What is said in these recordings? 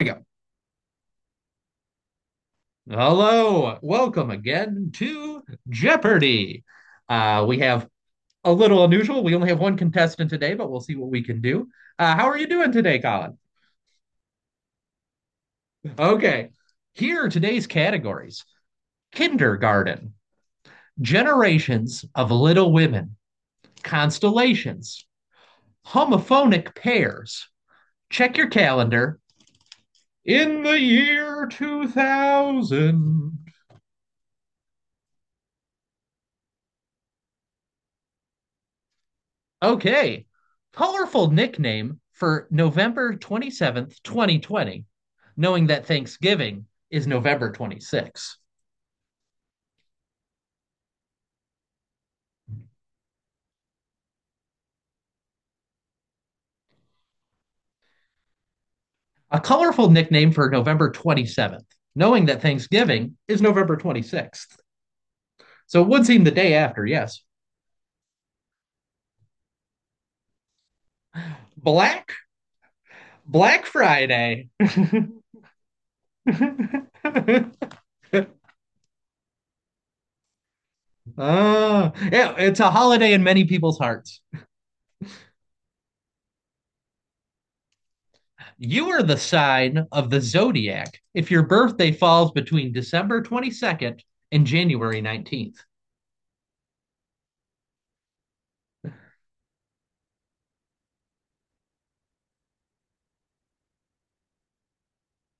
There we go. Hello, welcome again to Jeopardy. We have a little unusual. We only have one contestant today, but we'll see what we can do. How are you doing today, Colin? Okay. Here are today's categories kindergarten, generations of little women, constellations, homophonic pairs. Check your calendar. In the year 2000, okay. Colorful nickname for November 27th, 2020, knowing that Thanksgiving is November 26th. A colorful nickname for November 27th, knowing that Thanksgiving is November 26th. So it would seem the day after, yes. Black Black Friday. Ah, yeah, it's a holiday in many people's hearts. You are the sign of the zodiac if your birthday falls between December 22nd and January 19th.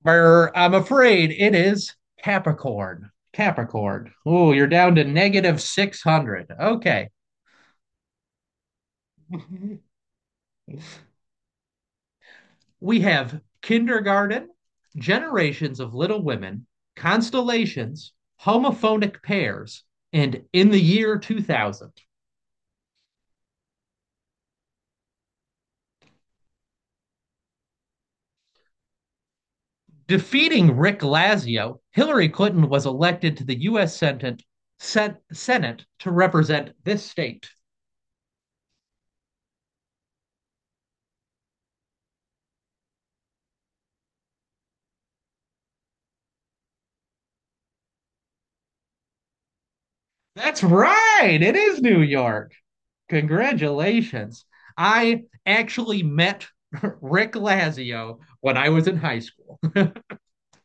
Brr, I'm afraid it is Capricorn. Capricorn. Oh, you're down to negative 600. Okay. we have kindergarten, generations of little women, constellations, homophonic pairs, and in the year 2000. Defeating Rick Lazio, Hillary Clinton was elected to the U.S. Senate, Senate to represent this state. That's right. It is New York. Congratulations. I actually met Rick Lazio when I was in high school.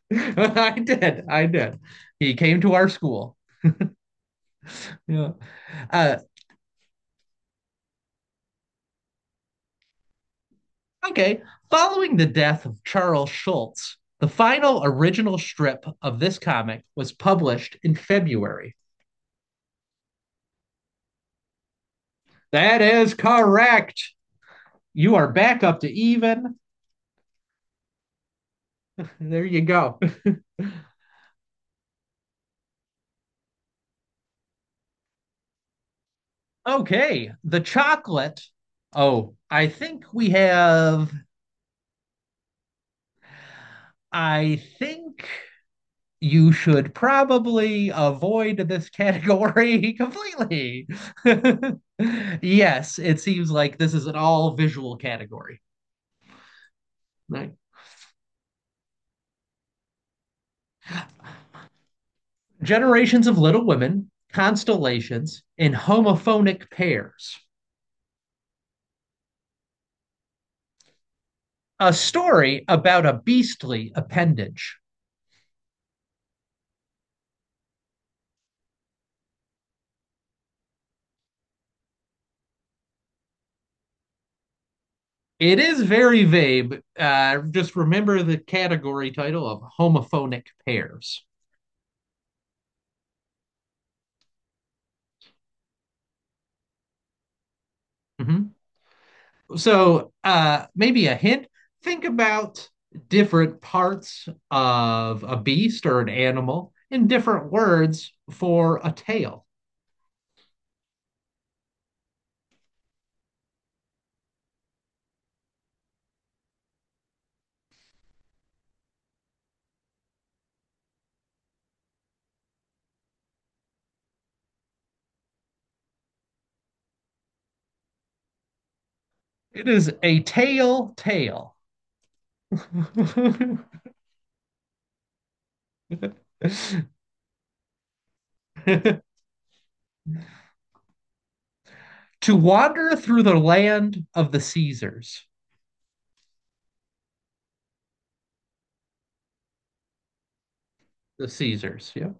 I did. I did. He came to our school. Yeah. Uh, okay. Following the death of Charles Schulz, the final original strip of this comic was published in February. That is correct. You are back up to even. There you go. Okay, the chocolate. Oh, I think we have. I think you should probably avoid this category completely. yes, it seems like this is an all visual category. Right. Generations of Little Women, Constellations, and Homophonic Pairs. A story about a beastly appendage. It is very vague. Just remember the category title of homophonic pairs. Mhm. So maybe a hint. Think about different parts of a beast or an animal in different words for a tail. It is a tail tale. to wander through the land of the Caesars. The Caesars, yeah.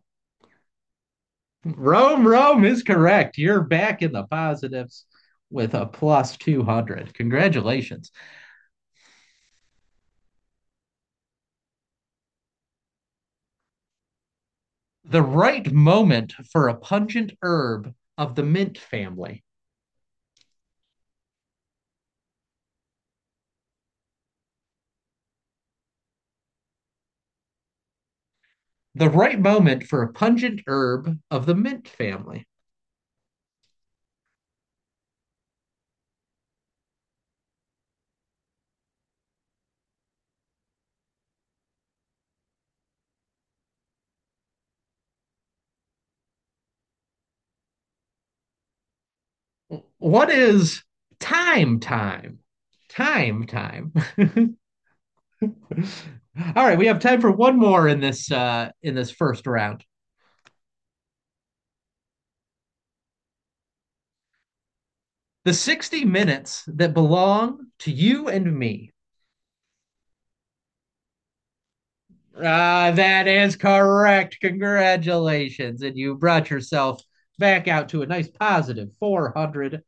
Rome, Rome is correct. You're back in the positives with a plus 200. Congratulations. The right moment for a pungent herb of the mint family. The right moment for a pungent herb of the mint family. What is time time? Time time. All right, we have time for one more in this first round. The 60 minutes that belong to you and me. That is correct. Congratulations. And you brought yourself back out to a nice $400.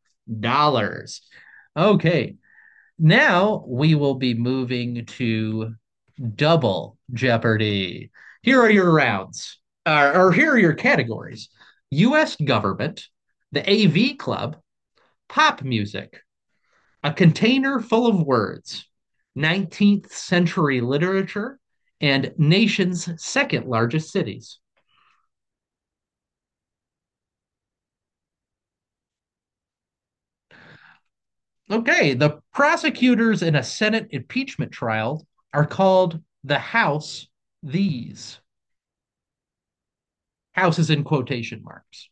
Okay. Now we will be moving to double Jeopardy. Here are your rounds, Here are your categories US government, the AV club, pop music, a container full of words, 19th century literature, and nation's second largest cities. Okay, the prosecutors in a Senate impeachment trial are called the House these. House is in quotation marks.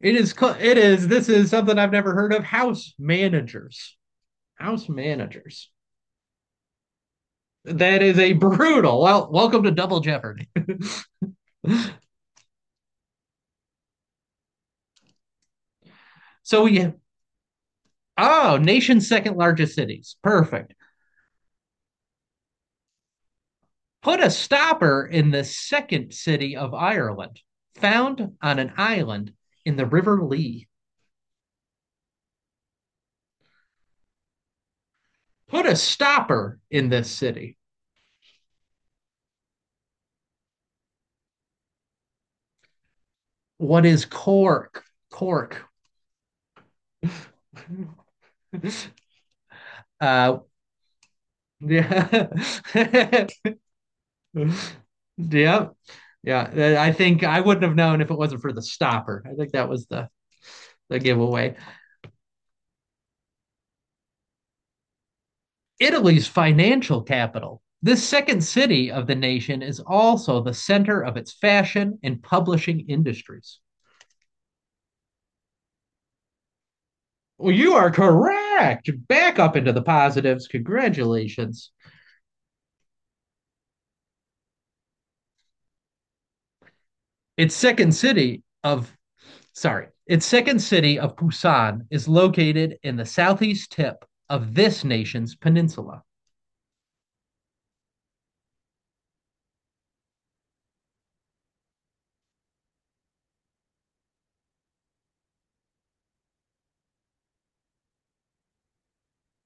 It is, it is, this is something I've never heard of, House Managers. House Managers. That is a brutal. Well, welcome to Double Jeopardy. So we, oh, nation's second largest cities. Perfect. Put a stopper in the second city of Ireland, found on an island in the River Lee. Put a stopper in this city. What is Cork? Cork. uh, yeah yeah. Yeah. I think I wouldn't have known if it wasn't for the stopper. I think that was the giveaway. Italy's financial capital. This second city of the nation is also the center of its fashion and publishing industries. Well, you are correct. Back up into the positives. Congratulations. Its second city of, its second city of Busan is located in the southeast tip of this nation's peninsula.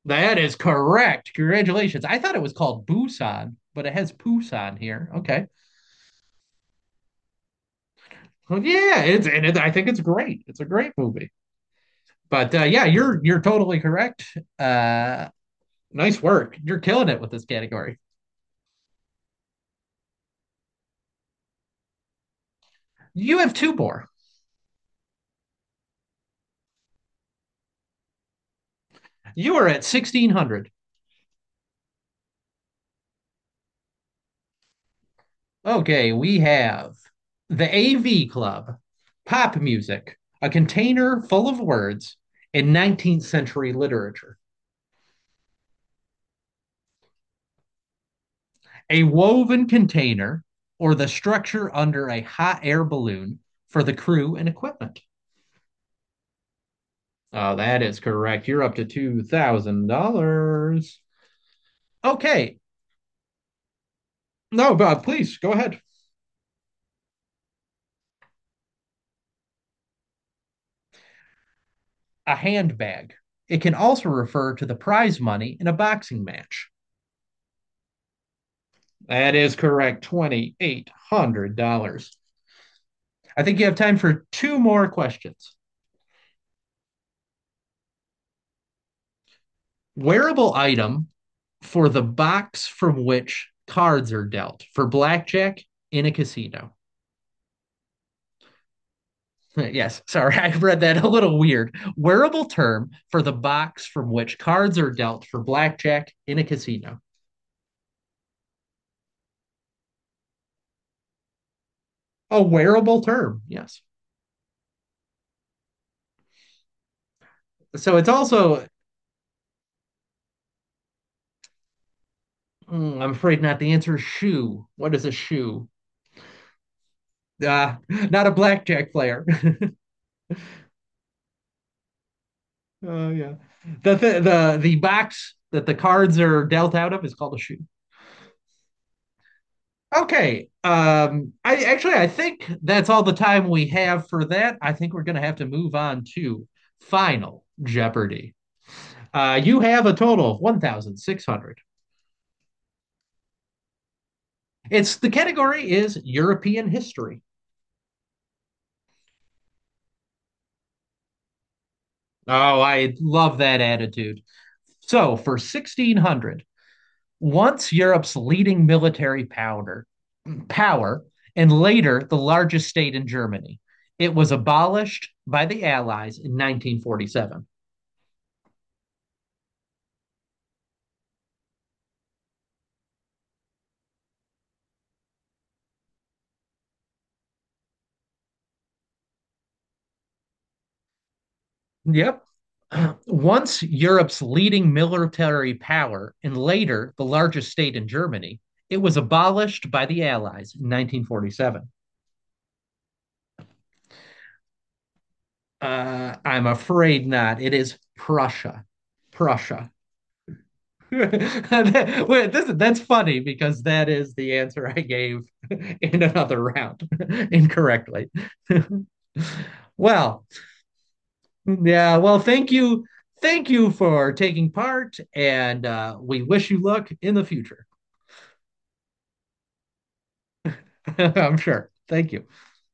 That is correct. Congratulations. I thought it was called Busan, but it has Busan here. Okay. Well, yeah, I think it's great. It's a great movie. But yeah, you're totally correct. Nice work. You're killing it with this category. You have two more. You are at 1,600. Okay, we have the AV Club, pop music, a container full of words in 19th century literature, a woven container, or the structure under a hot air balloon for the crew and equipment. Oh, that is correct. You're up to $2,000. Okay. No, but please go ahead. A handbag. It can also refer to the prize money in a boxing match. That is correct, $2,800. I think you have time for two more questions. Wearable item for the box from which cards are dealt for blackjack in a casino. Yes, sorry, I read that a little weird. Wearable term for the box from which cards are dealt for blackjack in a casino. A wearable term, yes. So it's also I'm afraid not. The answer is shoe. What is a shoe? Ah, not a blackjack player. Oh yeah. The box that the cards are dealt out of is called a shoe. Okay. I actually I think that's all the time we have for that. I think we're gonna have to move on to Final Jeopardy. You have a total of 1,600. It's the category is European history. Oh, I love that attitude. So for 1,600, once Europe's leading military power, and later the largest state in Germany. It was abolished by the Allies in 1947. Yep. Once Europe's leading military power and later the largest state in Germany, it was abolished by the Allies in 1947. I'm afraid not. It is Prussia. Prussia. That's funny because that is the answer I gave in another round incorrectly. Well, yeah, well, thank you. Thank you for taking part, and we wish you luck in the future. I'm sure. Thank you.